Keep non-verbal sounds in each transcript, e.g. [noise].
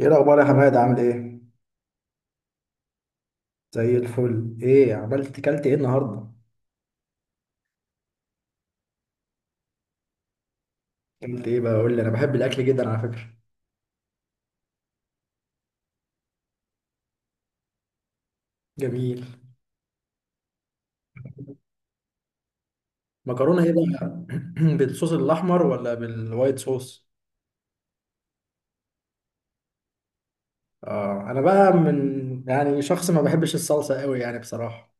ايه الاخبار يا حماد؟ عامل ايه؟ زي الفل. ايه عملت؟ كلت ايه النهارده؟ كلت ايه بقى؟ قول لي، انا بحب الاكل جدا على فكره. جميل. مكرونه ايه بقى [clears throat] بالصوص الاحمر ولا بالوايت صوص؟ اه، انا بقى من يعني شخص ما بحبش الصلصه قوي يعني بصراحه.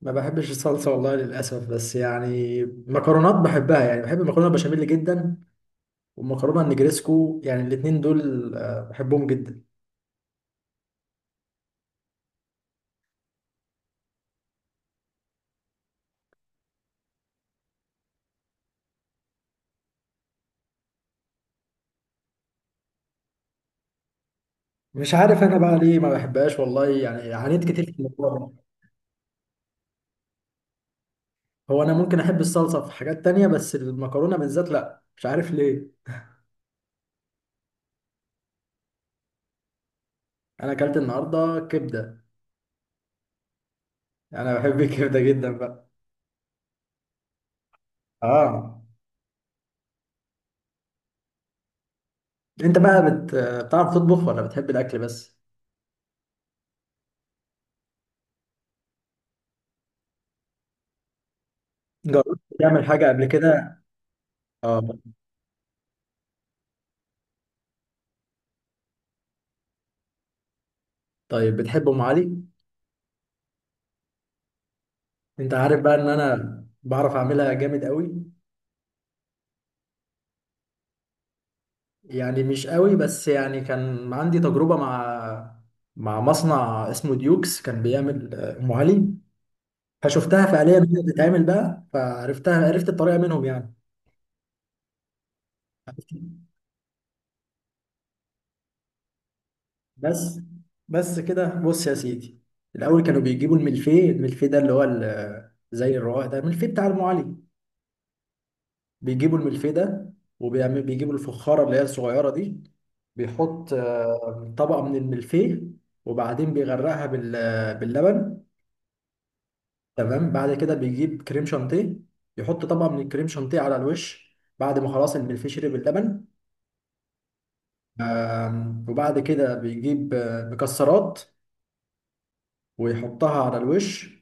ما بحبش الصلصه والله للاسف، بس يعني مكرونات بحبها، يعني بحب المكرونه البشاميل جدا والمكرونه النجريسكو، يعني الاتنين دول بحبهم جدا. مش عارف انا بقى ليه ما بحبهاش والله، يعني عانيت كتير في الموضوع ده. هو انا ممكن احب الصلصه في حاجات تانية، بس المكرونه بالذات لا، مش عارف ليه. انا اكلت النهارده كبده. انا بحب الكبده جدا بقى. اه. انت بقى بتعرف تطبخ ولا بتحب الاكل بس؟ جربت تعمل حاجه قبل كده؟ اه. طيب بتحب ام علي؟ انت عارف بقى ان انا بعرف اعملها جامد قوي. يعني مش قوي، بس يعني كان عندي تجربه مع مصنع اسمه ديوكس، كان بيعمل ام علي، فشفتها فعليا وهي بتتعمل بقى، فعرفتها، عرفت الطريقه منهم يعني. بس بس كده، بص يا سيدي، الاول كانوا بيجيبوا الملفيه. الملفيه ده اللي هو زي الرواق ده، الملفيه بتاع ام علي. بيجيبوا الملفيه ده، وبيعمل بيجيبوا الفخاره اللي هي الصغيره دي، بيحط طبقه من الملفيه وبعدين بيغرقها باللبن. تمام، بعد كده بيجيب كريم شانتيه، يحط طبقه من الكريم شانتيه على الوش بعد ما خلاص الملفيه شرب اللبن. وبعد كده بيجيب مكسرات ويحطها على الوش.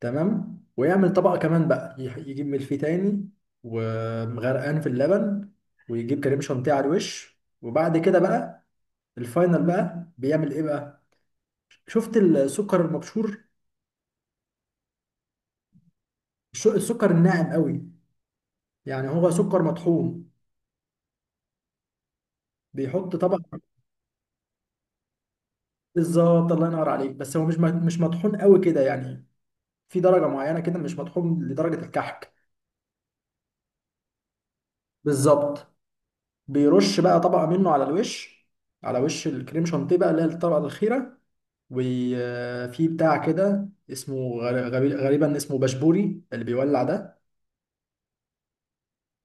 تمام، ويعمل طبقة كمان بقى، يجيب ملفيه تاني ومغرقان في اللبن، ويجيب كريم شانتيه على الوش. وبعد كده بقى الفاينل بقى بيعمل ايه بقى؟ شفت السكر المبشور؟ السكر الناعم قوي، يعني هو سكر مطحون. بيحط طبقة. بالظبط، الله ينور عليك. بس هو مش مش مطحون قوي كده يعني، في درجة معينة كده، مش مطحون لدرجة الكحك. بالظبط. بيرش بقى طبقة منه على الوش، على وش الكريم شانتيه بقى اللي هي الطبقة الأخيرة. وفي بتاع كده اسمه غالبا اسمه بشبوري، اللي بيولع ده،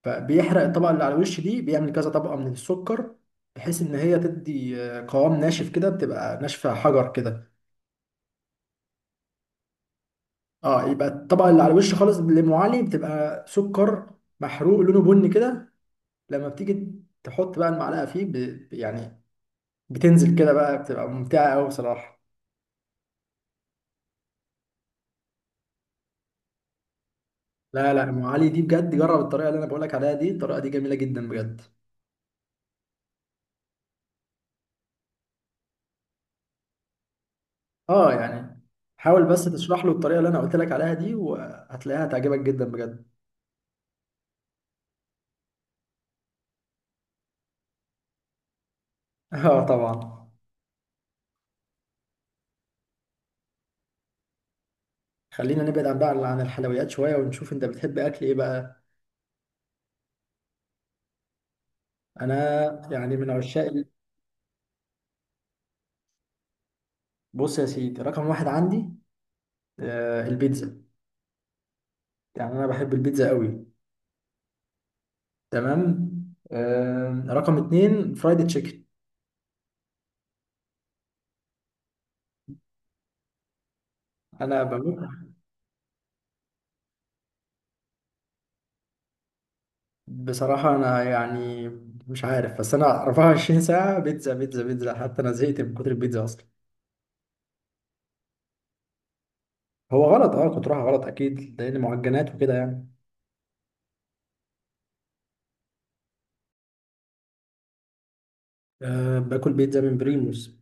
فبيحرق الطبقة اللي على الوش دي، بيعمل كذا طبقة من السكر بحيث ان هي تدي قوام ناشف كده، بتبقى ناشفة حجر كده. اه، يبقى الطبقة اللي على الوش خالص اللي أم علي بتبقى سكر محروق لونه بني كده. لما بتيجي تحط بقى المعلقة فيه يعني بتنزل كده بقى، بتبقى ممتعة قوي بصراحة. لا لا، أم علي دي بجد جرب الطريقة اللي انا بقولك عليها دي، الطريقة دي جميلة جدا بجد. اه يعني حاول بس تشرح له الطريقه اللي انا قلت لك عليها دي، وهتلاقيها هتعجبك جدا بجد. [laughs] اه طبعا. خلينا نبعد عن بقى عن الحلويات شويه، ونشوف انت بتحب اكل ايه بقى. انا يعني من عشاق بص يا سيدي، رقم واحد عندي آه البيتزا. يعني انا بحب البيتزا قوي. تمام. آه رقم اتنين فرايد تشيكن. انا بموت. بصراحه انا يعني مش عارف، بس انا 24 ساعه بيتزا بيتزا بيتزا، حتى انا زهقت من كتر البيتزا اصلا. هو غلط اه، كنت رايحة غلط اكيد، لان معجنات وكده يعني. أه باكل بيتزا من بريموز.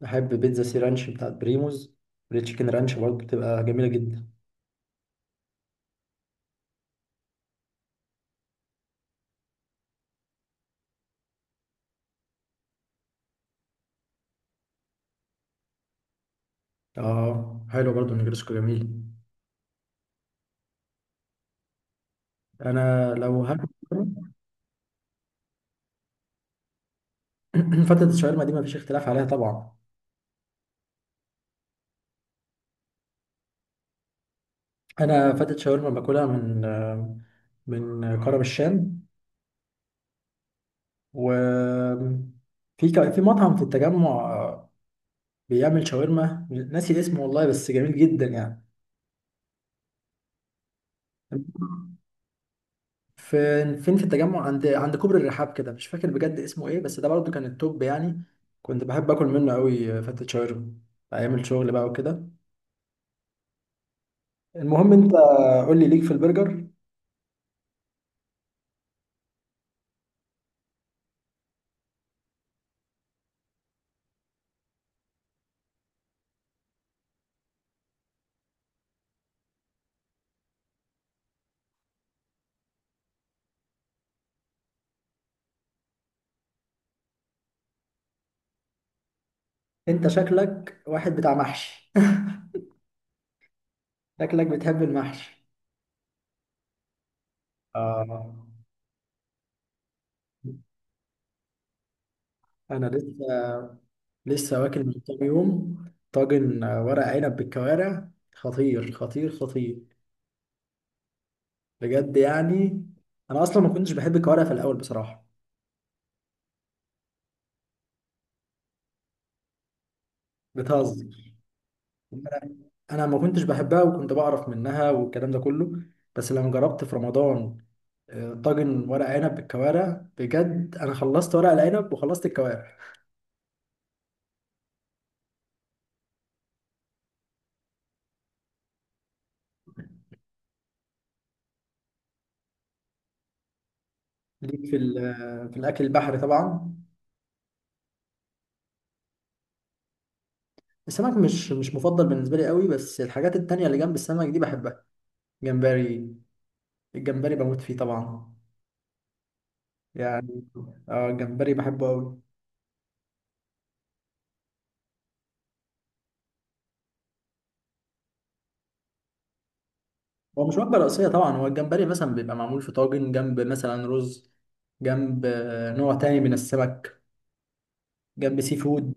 بحب بيتزا سي رانش بتاعت بريموز، والتشيكن رانش برضه بتبقى جميلة جدا. اه حلو برضه النجرسكو جميل. انا لو هاكل [clears throat] فتة الشاورما دي مفيش اختلاف عليها طبعا. انا فتة شاورما باكلها من من كرم الشام، و في مطعم في التجمع بيعمل شاورما، ناسي اسمه والله بس جميل جدا يعني. فين فين في التجمع؟ عند كوبري الرحاب كده، مش فاكر بجد اسمه ايه، بس ده برضه كان التوب يعني، كنت بحب اكل منه قوي فتة شاورما ايام الشغل بقى وكده. المهم انت قول لي، ليك في البرجر؟ انت شكلك واحد بتاع محشي. [laughs] شكلك بتحب المحشي. آه. انا لسه واكل من كام يوم طاجن ورق عنب بالكوارع، خطير خطير خطير بجد يعني. انا اصلا ما كنتش بحب الكوارع في الاول بصراحة. بتهزر؟ [laughs] انا ما كنتش بحبها، وكنت بعرف منها والكلام ده كله، بس لما جربت في رمضان طاجن ورق عنب بالكوارع، بجد انا خلصت ورق العنب وخلصت الكوارع. ليك في في الاكل البحري طبعا؟ السمك مش مفضل بالنسبه لي قوي، بس الحاجات التانية اللي جنب السمك دي بحبها. جمبري. الجمبري بموت فيه طبعا يعني. اه الجمبري بحبه قوي. هو مش وجبه رئيسيه طبعا، هو الجمبري مثلا بيبقى معمول في طاجن جنب مثلا رز، جنب نوع تاني من السمك، جنب سي فود.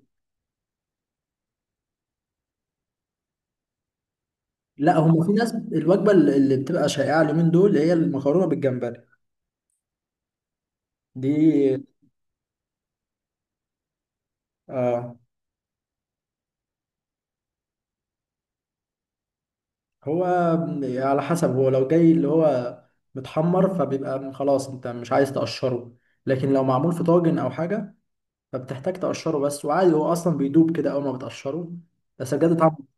لا، هم في ناس الوجبه اللي بتبقى شائعه اليومين دول اللي هي المكرونه بالجمبري دي. آه. هو على حسب، هو لو جاي اللي هو متحمر فبيبقى خلاص انت مش عايز تقشره، لكن لو معمول في طاجن او حاجه فبتحتاج تقشره بس، وعادي هو اصلا بيدوب كده اول ما بتقشره، بس بجد طعمه.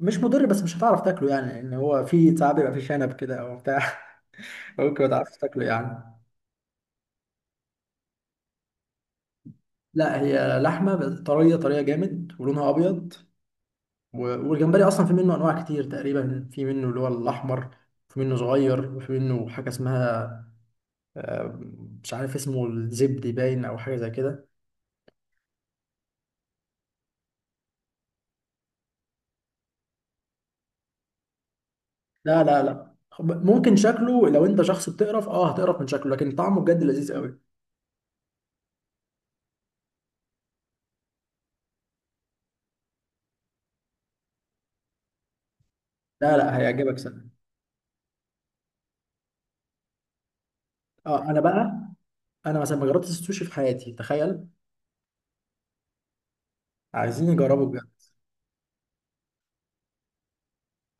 مش مضر، بس مش هتعرف تاكله يعني، لان هو في ساعات بيبقى فيه شنب كده او بتاع. [laughs] ممكن ما تعرفش تاكله يعني. لا، هي لحمه بس طريه، طريه جامد، ولونها ابيض. والجمبري اصلا في منه انواع كتير، تقريبا في منه اللي هو الاحمر، في منه صغير، وفي منه حاجه اسمها آه، مش عارف اسمه، الزبدي باين او حاجه زي كده. لا لا لا، ممكن شكله لو انت شخص بتقرف اه هتقرف من شكله، لكن طعمه بجد لذيذ قوي. لا لا، هيعجبك سنة. اه انا بقى، انا مثلا ما جربتش السوشي في حياتي تخيل. عايزين نجربه بجد.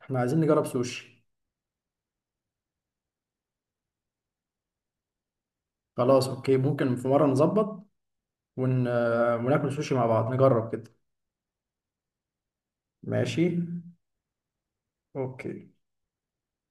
احنا عايزين نجرب سوشي. خلاص اوكي، ممكن في مره نظبط ون... آه، وناكل سوشي مع بعض، نجرب كده. ماشي. اوكي.